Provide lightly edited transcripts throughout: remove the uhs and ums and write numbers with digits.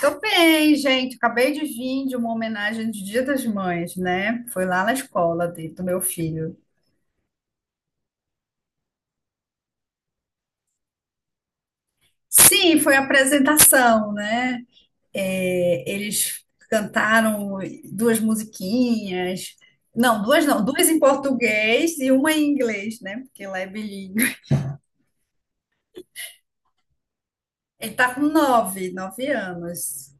Tô bem, gente. Acabei de vir de uma homenagem de Dia das Mães, né? Foi lá na escola do meu filho. Sim, foi a apresentação, né? É, eles cantaram duas musiquinhas. Não, duas não, duas em português e uma em inglês, né? Porque lá é bilíngue. Ele tá com 9, 9 anos.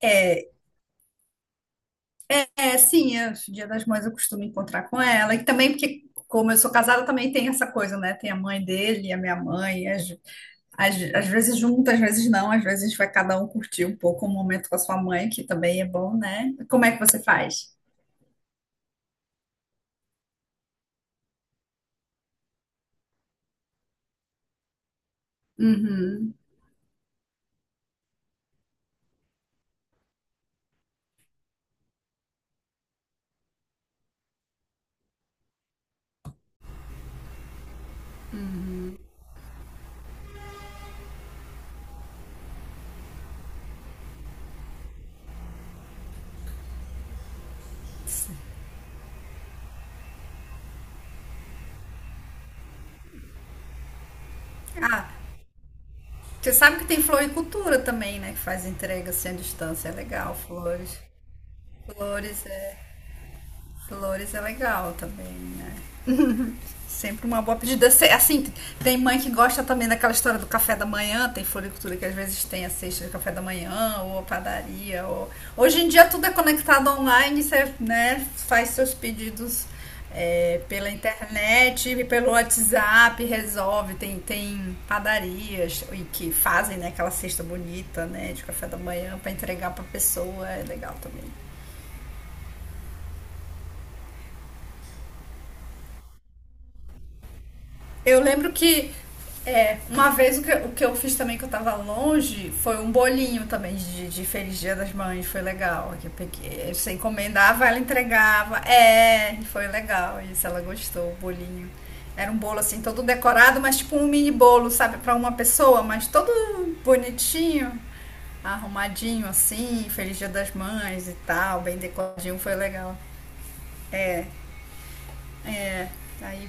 É. É, sim, é, Dia das Mães eu costumo encontrar com ela. E também porque, como eu sou casada, também tem essa coisa, né? Tem a mãe dele e a minha mãe. Às vezes juntas, às vezes não. Às vezes vai cada um curtir um pouco o momento com a sua mãe, que também é bom, né? Como é que você faz? Uhum. Ah, você sabe que tem floricultura também, né? Que faz entrega assim à distância. É legal, flores. Flores é, flores é legal também, né? Sempre uma boa pedida. Assim, tem mãe que gosta também daquela história do café da manhã, tem floricultura que às vezes tem a cesta de café da manhã, ou a padaria. Ou... Hoje em dia tudo é conectado online, você né, faz seus pedidos pela internet, pelo WhatsApp, resolve. Tem padarias e que fazem né, aquela cesta bonita né, de café da manhã para entregar para a pessoa, é legal também. Eu lembro que uma vez o que eu fiz também que eu tava longe foi um bolinho também de Feliz Dia das Mães, foi legal. Que eu peguei, você encomendava, ela entregava. É, foi legal isso, ela gostou, o bolinho. Era um bolo assim, todo decorado, mas tipo um mini bolo, sabe, pra uma pessoa, mas todo bonitinho, arrumadinho assim, Feliz Dia das Mães e tal, bem decoradinho, foi legal. É, é. Aí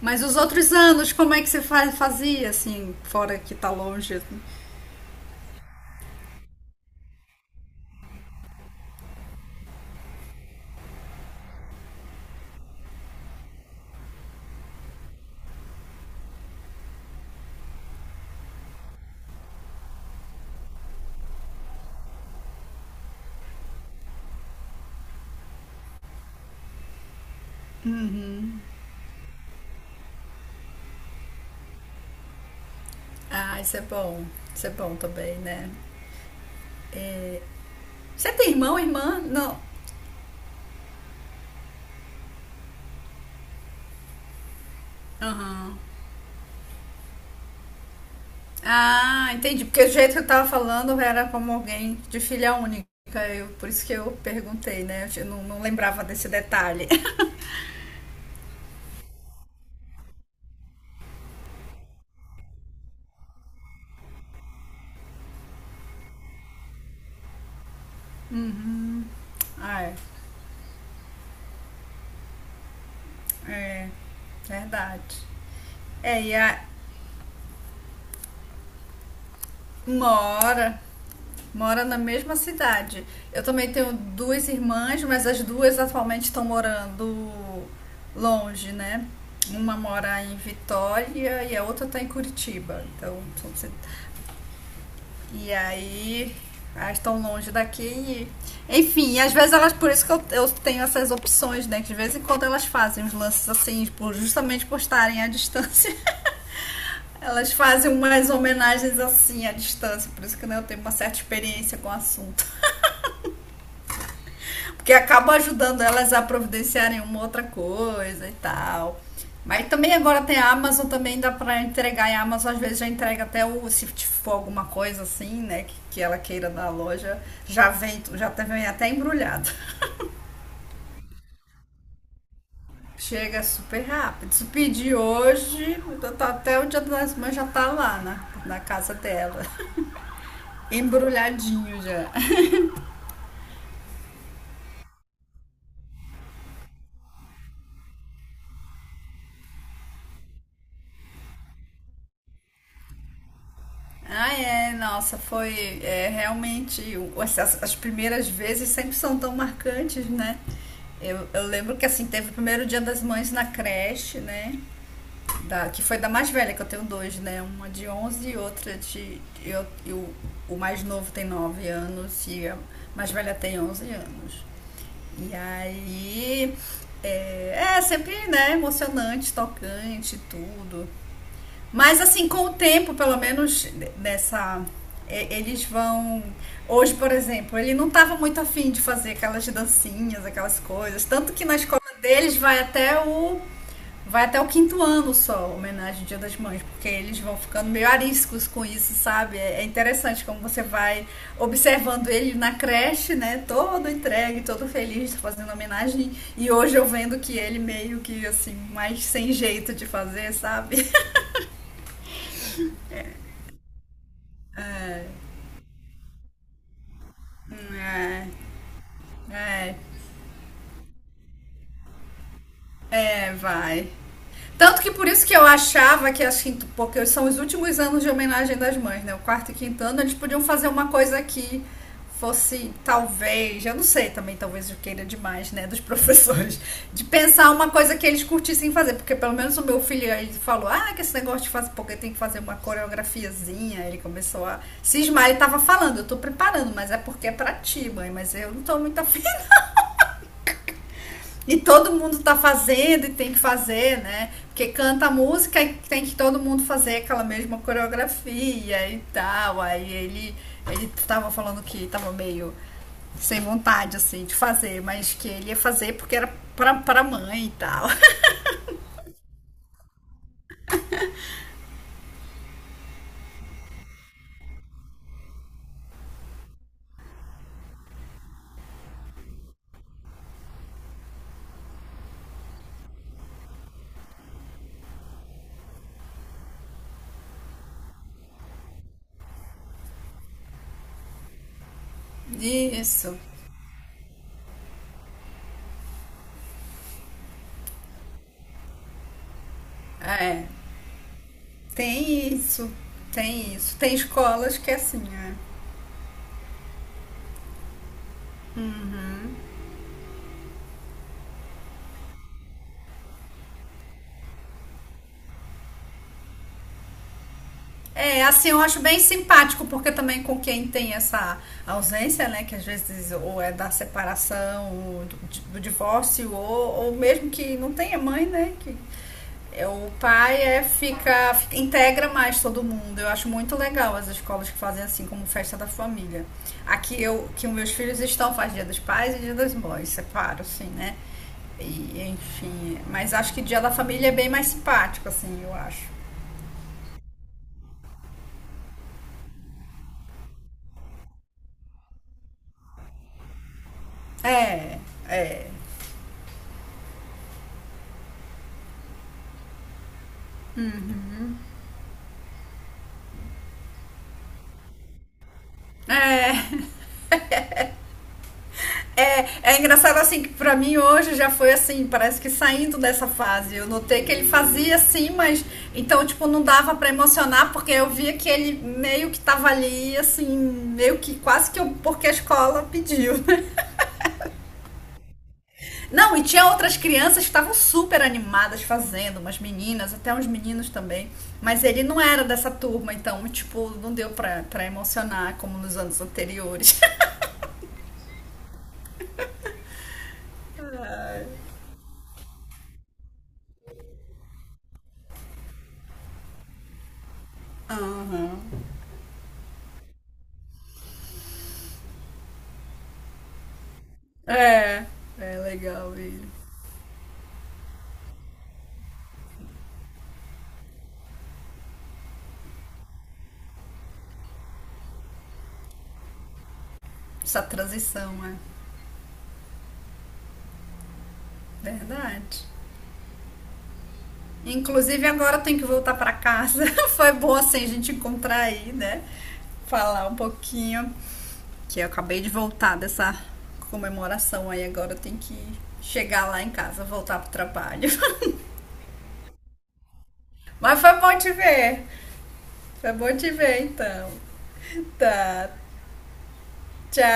mas os outros anos, como é que você fazia, assim, fora que tá longe? Assim? Uhum. Ah, isso é bom. Isso é bom também, né? É, você tem irmão, irmã? Não. Aham. Ah, entendi. Porque o jeito que eu tava falando era como alguém de filha única. Por isso que eu perguntei, né? Eu não lembrava desse detalhe. Uhum. Ah, é. É. Verdade. É, e a, uma hora. Mora na mesma cidade. Eu também tenho duas irmãs, mas as duas atualmente estão morando longe, né? Uma mora em Vitória e a outra está em Curitiba. Então, e aí elas estão longe daqui. E- enfim, às vezes elas, por isso que eu tenho essas opções, né? Que de vez em quando elas fazem uns lances assim, justamente por estarem à distância. Elas fazem umas homenagens assim à distância, por isso que né, eu tenho uma certa experiência com o assunto. Porque acaba ajudando elas a providenciarem uma outra coisa e tal. Mas também agora tem a Amazon, também dá pra entregar. E a Amazon às vezes já entrega até o, se for alguma coisa assim, né, que ela queira da loja, já vem, vem até embrulhado. Chega super rápido. Se pedir hoje, então tá- até o dia das mães já tá lá, né, na casa dela. Embrulhadinho já. Ah, é, nossa, foi é, realmente. As primeiras vezes sempre são tão marcantes, né? Eu lembro que assim, teve o primeiro dia das mães na creche, né? Da, que foi da mais velha, que eu tenho dois, né? Uma de 11 e outra de. Eu, e o mais novo tem 9 anos e a mais velha tem 11 anos. E aí. É, é sempre, né? Emocionante, tocante, tudo. Mas assim, com o tempo, pelo menos nessa. Eles vão. Hoje, por exemplo, ele não estava muito afim de fazer aquelas dancinhas, aquelas coisas. Tanto que na escola deles vai até o. Vai até o quinto ano só, homenagem ao Dia das Mães, porque eles vão ficando meio ariscos com isso, sabe? É interessante como você vai observando ele na creche, né? Todo entregue, todo feliz, fazendo homenagem. E hoje eu vendo que ele meio que, assim, mais sem jeito de fazer, sabe? É, é, vai. Tanto que por isso que eu achava que as quinto, porque são os últimos anos de homenagem das mães, né? O quarto e quinto ano, eles podiam fazer uma coisa que fosse, talvez, eu não sei também, talvez eu queira demais, né, dos professores, de pensar uma coisa que eles curtissem fazer, porque pelo menos o meu filho, ele falou, ah, que esse negócio de fazer, porque tem que fazer uma coreografiazinha, ele começou a cismar, ele tava falando, eu tô preparando, mas é porque é pra ti, mãe, mas eu não tô muito afim e todo mundo tá fazendo e tem que fazer, né? Porque canta a música e tem que todo mundo fazer aquela mesma coreografia e tal. Aí ele tava falando que tava meio sem vontade, assim, de fazer, mas que ele ia fazer porque era pra mãe e tal. Isso, é. Tem isso, tem isso. Tem escolas que é assim, é. É, assim, eu acho bem simpático, porque também com quem tem essa ausência, né, que às vezes ou é da separação, ou do divórcio, ou, mesmo que não tenha mãe, né, que é, o pai é, integra mais todo mundo. Eu acho muito legal as escolas que fazem assim, como festa da família. Aqui eu, que os meus filhos estão, faz dia dos pais e dia das mães, separo, assim, né, e enfim, mas acho que dia da família é bem mais simpático, assim, eu acho. É, é, é. É, é engraçado assim que pra mim hoje já foi assim, parece que saindo dessa fase. Eu notei que ele fazia assim, mas então tipo não dava pra emocionar porque eu via que ele meio que tava ali assim, meio que quase que eu, porque a escola pediu. Né? Não, e tinha outras crianças que estavam super animadas fazendo, umas meninas, até uns meninos também. Mas ele não era dessa turma, então, tipo, não deu pra, pra emocionar como nos anos anteriores. Aham. É, é legal ele. Essa transição, é verdade. Inclusive agora eu tenho que voltar para casa. Foi bom assim a gente encontrar aí, né? Falar um pouquinho que eu acabei de voltar dessa comemoração aí, agora eu tenho que chegar lá em casa, voltar pro trabalho. Mas foi bom te ver. Foi bom te ver então. Tá. Tchau.